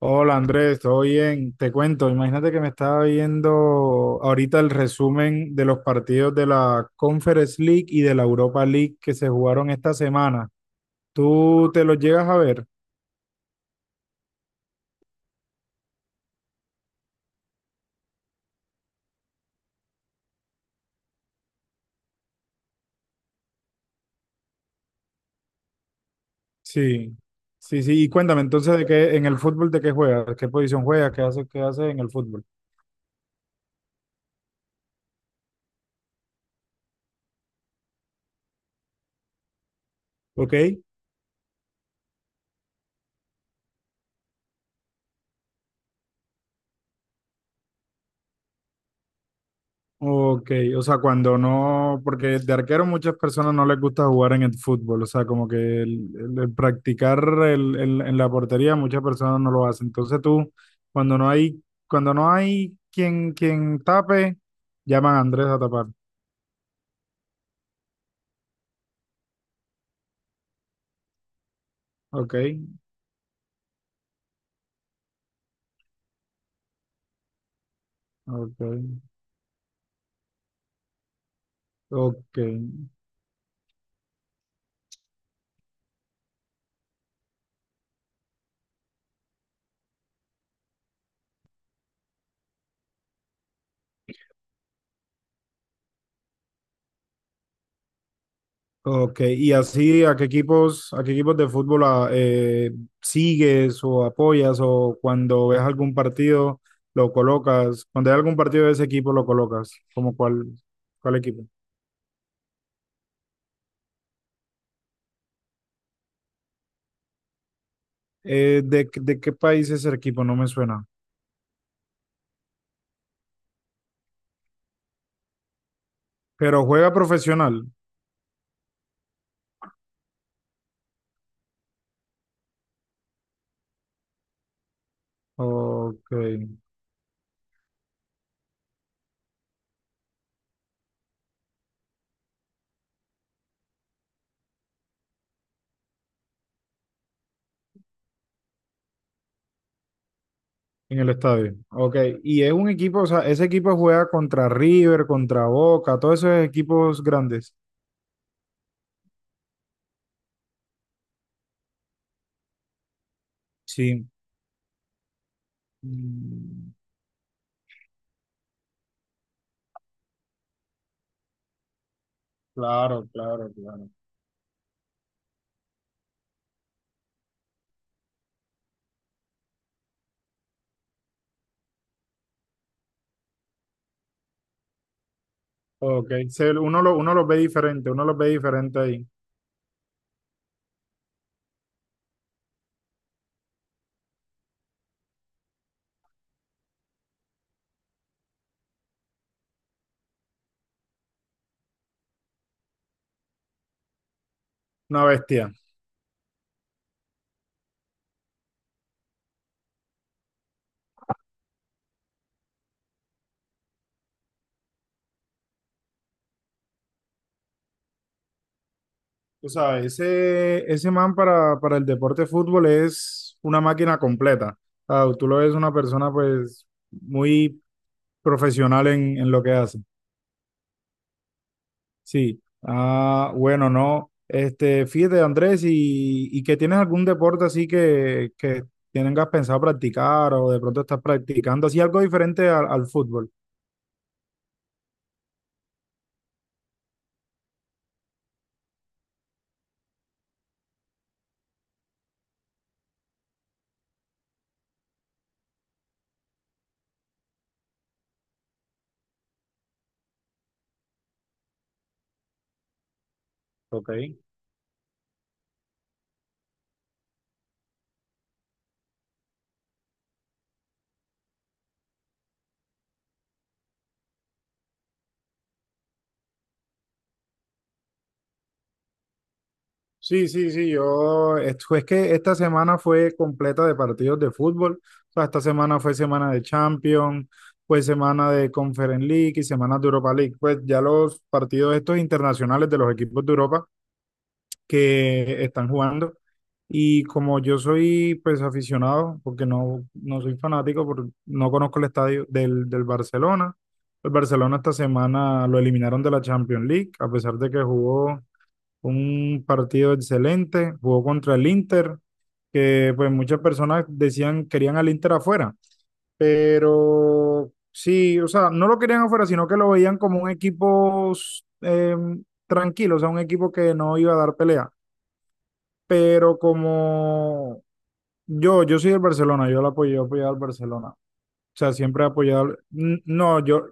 Hola Andrés, ¿todo bien? Te cuento, imagínate que me estaba viendo ahorita el resumen de los partidos de la Conference League y de la Europa League que se jugaron esta semana. ¿Tú te los llegas a ver? Sí, sí, sí. Y cuéntame entonces de qué en el fútbol de qué juegas, qué posición juegas, qué haces en el fútbol. ¿Ok? Ok, o sea, cuando no, porque de arquero muchas personas no les gusta jugar en el fútbol, o sea, como que el practicar en la portería muchas personas no lo hacen. Entonces tú, cuando no hay, cuando no hay quien tape, llaman a Andrés a tapar. Ok, ok, ok. Ok, y así, a qué equipos de fútbol sigues o apoyas o cuando ves algún partido lo colocas? Cuando hay algún partido de ese equipo lo colocas, ¿como cuál equipo? De qué país es el equipo? No me suena. Pero juega profesional. Ok, en el estadio. Ok, y es un equipo, o sea, ese equipo juega contra River, contra Boca, todos esos equipos grandes. Sí. Mm, claro, claro, claro. Ok, uno los ve diferente, uno los ve diferente ahí. Una bestia. O sea, ese man para el deporte de fútbol es una máquina completa. Ah, tú lo ves una persona pues muy profesional en lo que hace. Sí. Ah, bueno, no. Este, fíjate, Andrés, y que tienes algún deporte así que tengas pensado practicar o de pronto estás practicando así algo diferente al fútbol. Ok. Sí, sí, sí, yo, es que esta semana fue completa de partidos de fútbol, o sea, esta semana fue semana de Champions, fue semana de Conference League y semana de Europa League, pues ya los partidos estos internacionales de los equipos de Europa que están jugando, y como yo soy pues aficionado, porque no, no soy fanático, no conozco el estadio del Barcelona. El Barcelona esta semana lo eliminaron de la Champions League, a pesar de que jugó un partido excelente. Jugó contra el Inter, que pues muchas personas decían querían al Inter afuera, pero sí, o sea, no lo querían afuera, sino que lo veían como un equipo eh, tranquilo, o sea, un equipo que no iba a dar pelea, pero como yo soy del Barcelona, yo lo apoyo, yo he apoyado al Barcelona. O sea, siempre he apoyado. No, yo,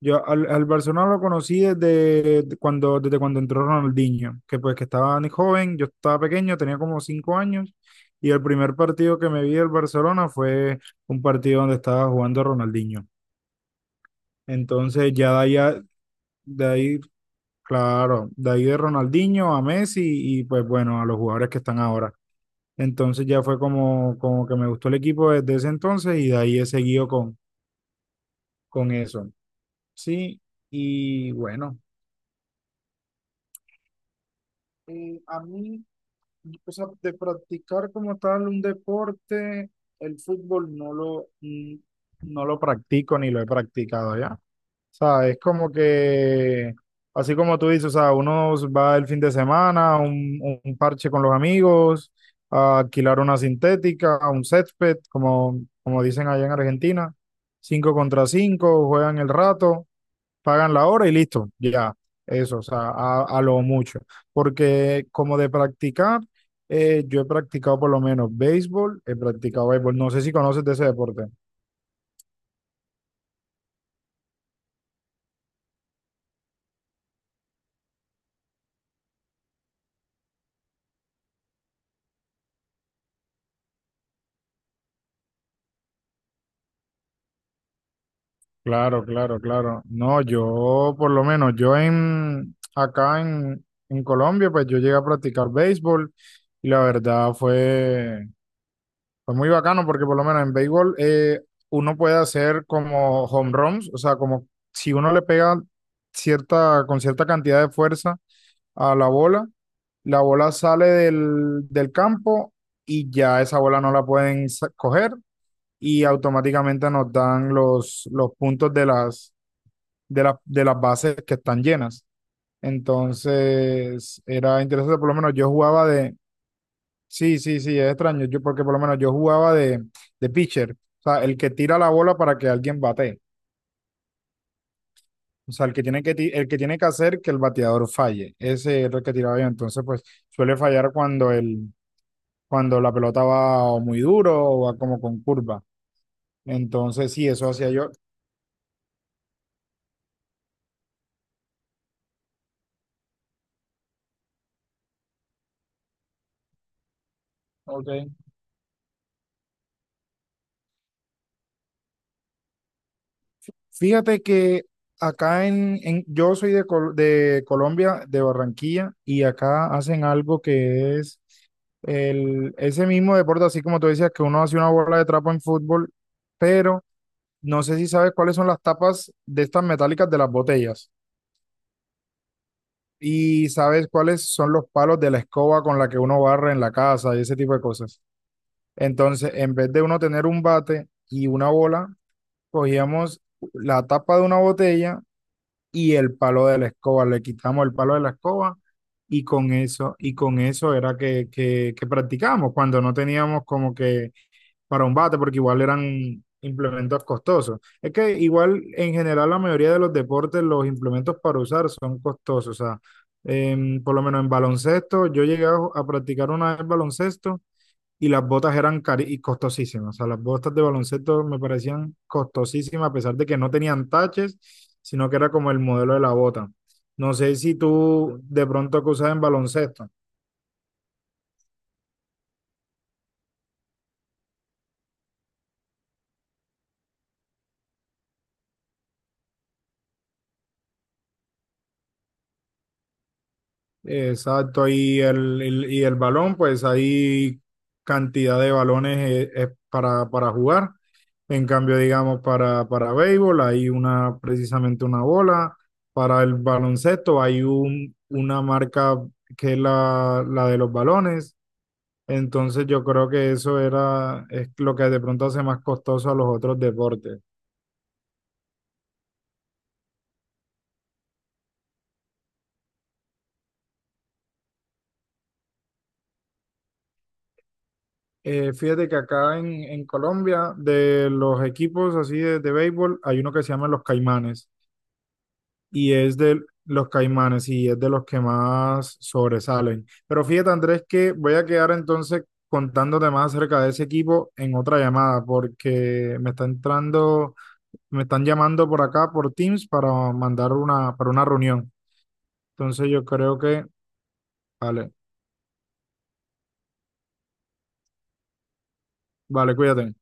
yo al, al Barcelona lo conocí desde cuando entró Ronaldinho, que pues que estaba ni joven, yo estaba pequeño, tenía como 5 años, y el primer partido que me vi del Barcelona fue un partido donde estaba jugando Ronaldinho. Entonces ya de ahí, de ahí, claro, de ahí de Ronaldinho a Messi, y pues bueno, a los jugadores que están ahora. Entonces ya fue como, como que me gustó el equipo desde ese entonces, y de ahí he seguido con eso. Sí, y bueno, a mí. Pues no, de practicar como tal un deporte, el fútbol no lo practico ni lo he practicado ya. O sea, es como que, así como tú dices, o sea, uno va el fin de semana a un parche con los amigos, a alquilar una sintética, a un césped, como, como dicen allá en Argentina, 5 contra 5, juegan el rato, pagan la hora y listo, ya, eso, o sea, a lo mucho. Porque como de practicar, yo he practicado por lo menos béisbol, he practicado béisbol, no sé si conoces de ese deporte. Claro, claro, claro. No, yo por lo menos, yo en, acá en Colombia, pues yo llegué a practicar béisbol y la verdad fue muy bacano porque por lo menos en béisbol uno puede hacer como home runs, o sea, como si uno le pega con cierta cantidad de fuerza a la bola sale del campo y ya esa bola no la pueden coger, y automáticamente nos dan los puntos de las bases que están llenas. Entonces era interesante, por lo menos yo jugaba de, sí, sí, sí, es extraño, yo porque por lo menos yo jugaba de pitcher, o sea, el que tira la bola para que alguien bate. O sea, el que tiene que hacer que el bateador falle. Ese es el que tiraba yo. Entonces, pues suele fallar cuando la pelota va o muy duro o va como con curva. Entonces, sí, eso hacía yo. Ok. Fíjate que acá yo soy de Colombia, de Barranquilla, y acá hacen algo que es ese mismo deporte, así como tú decías, que uno hace una bola de trapo en fútbol, pero no sé si sabes cuáles son las tapas de estas metálicas de las botellas y sabes cuáles son los palos de la escoba con la que uno barre en la casa y ese tipo de cosas. Entonces, en vez de uno tener un bate y una bola, cogíamos la tapa de una botella y el palo de la escoba. Le quitamos el palo de la escoba, y con eso era que practicábamos cuando no teníamos como que para un bate, porque igual eran implementos costosos. Es que igual en general la mayoría de los deportes, los implementos para usar son costosos. O sea, por lo menos en baloncesto, yo llegué a practicar una vez baloncesto y las botas eran cari y costosísimas. O sea, las botas de baloncesto me parecían costosísimas, a pesar de que no tenían taches, sino que era como el modelo de la bota. No sé si tú de pronto que usas en baloncesto. Exacto, y y el balón, pues hay cantidad de balones para jugar. En cambio, digamos, para béisbol hay precisamente una bola. Para el baloncesto hay una marca que es la de los balones. Entonces yo creo que eso era, es lo que de pronto hace más costoso a los otros deportes. Fíjate que acá en Colombia, de los equipos así de béisbol, hay uno que se llama Los Caimanes, y es de los Caimanes y es de los que más sobresalen. Pero fíjate, Andrés, que voy a quedar entonces contándote más acerca de ese equipo en otra llamada porque me están llamando por acá por Teams para mandar para una reunión. Entonces yo creo que, vale. Vale, cuídate.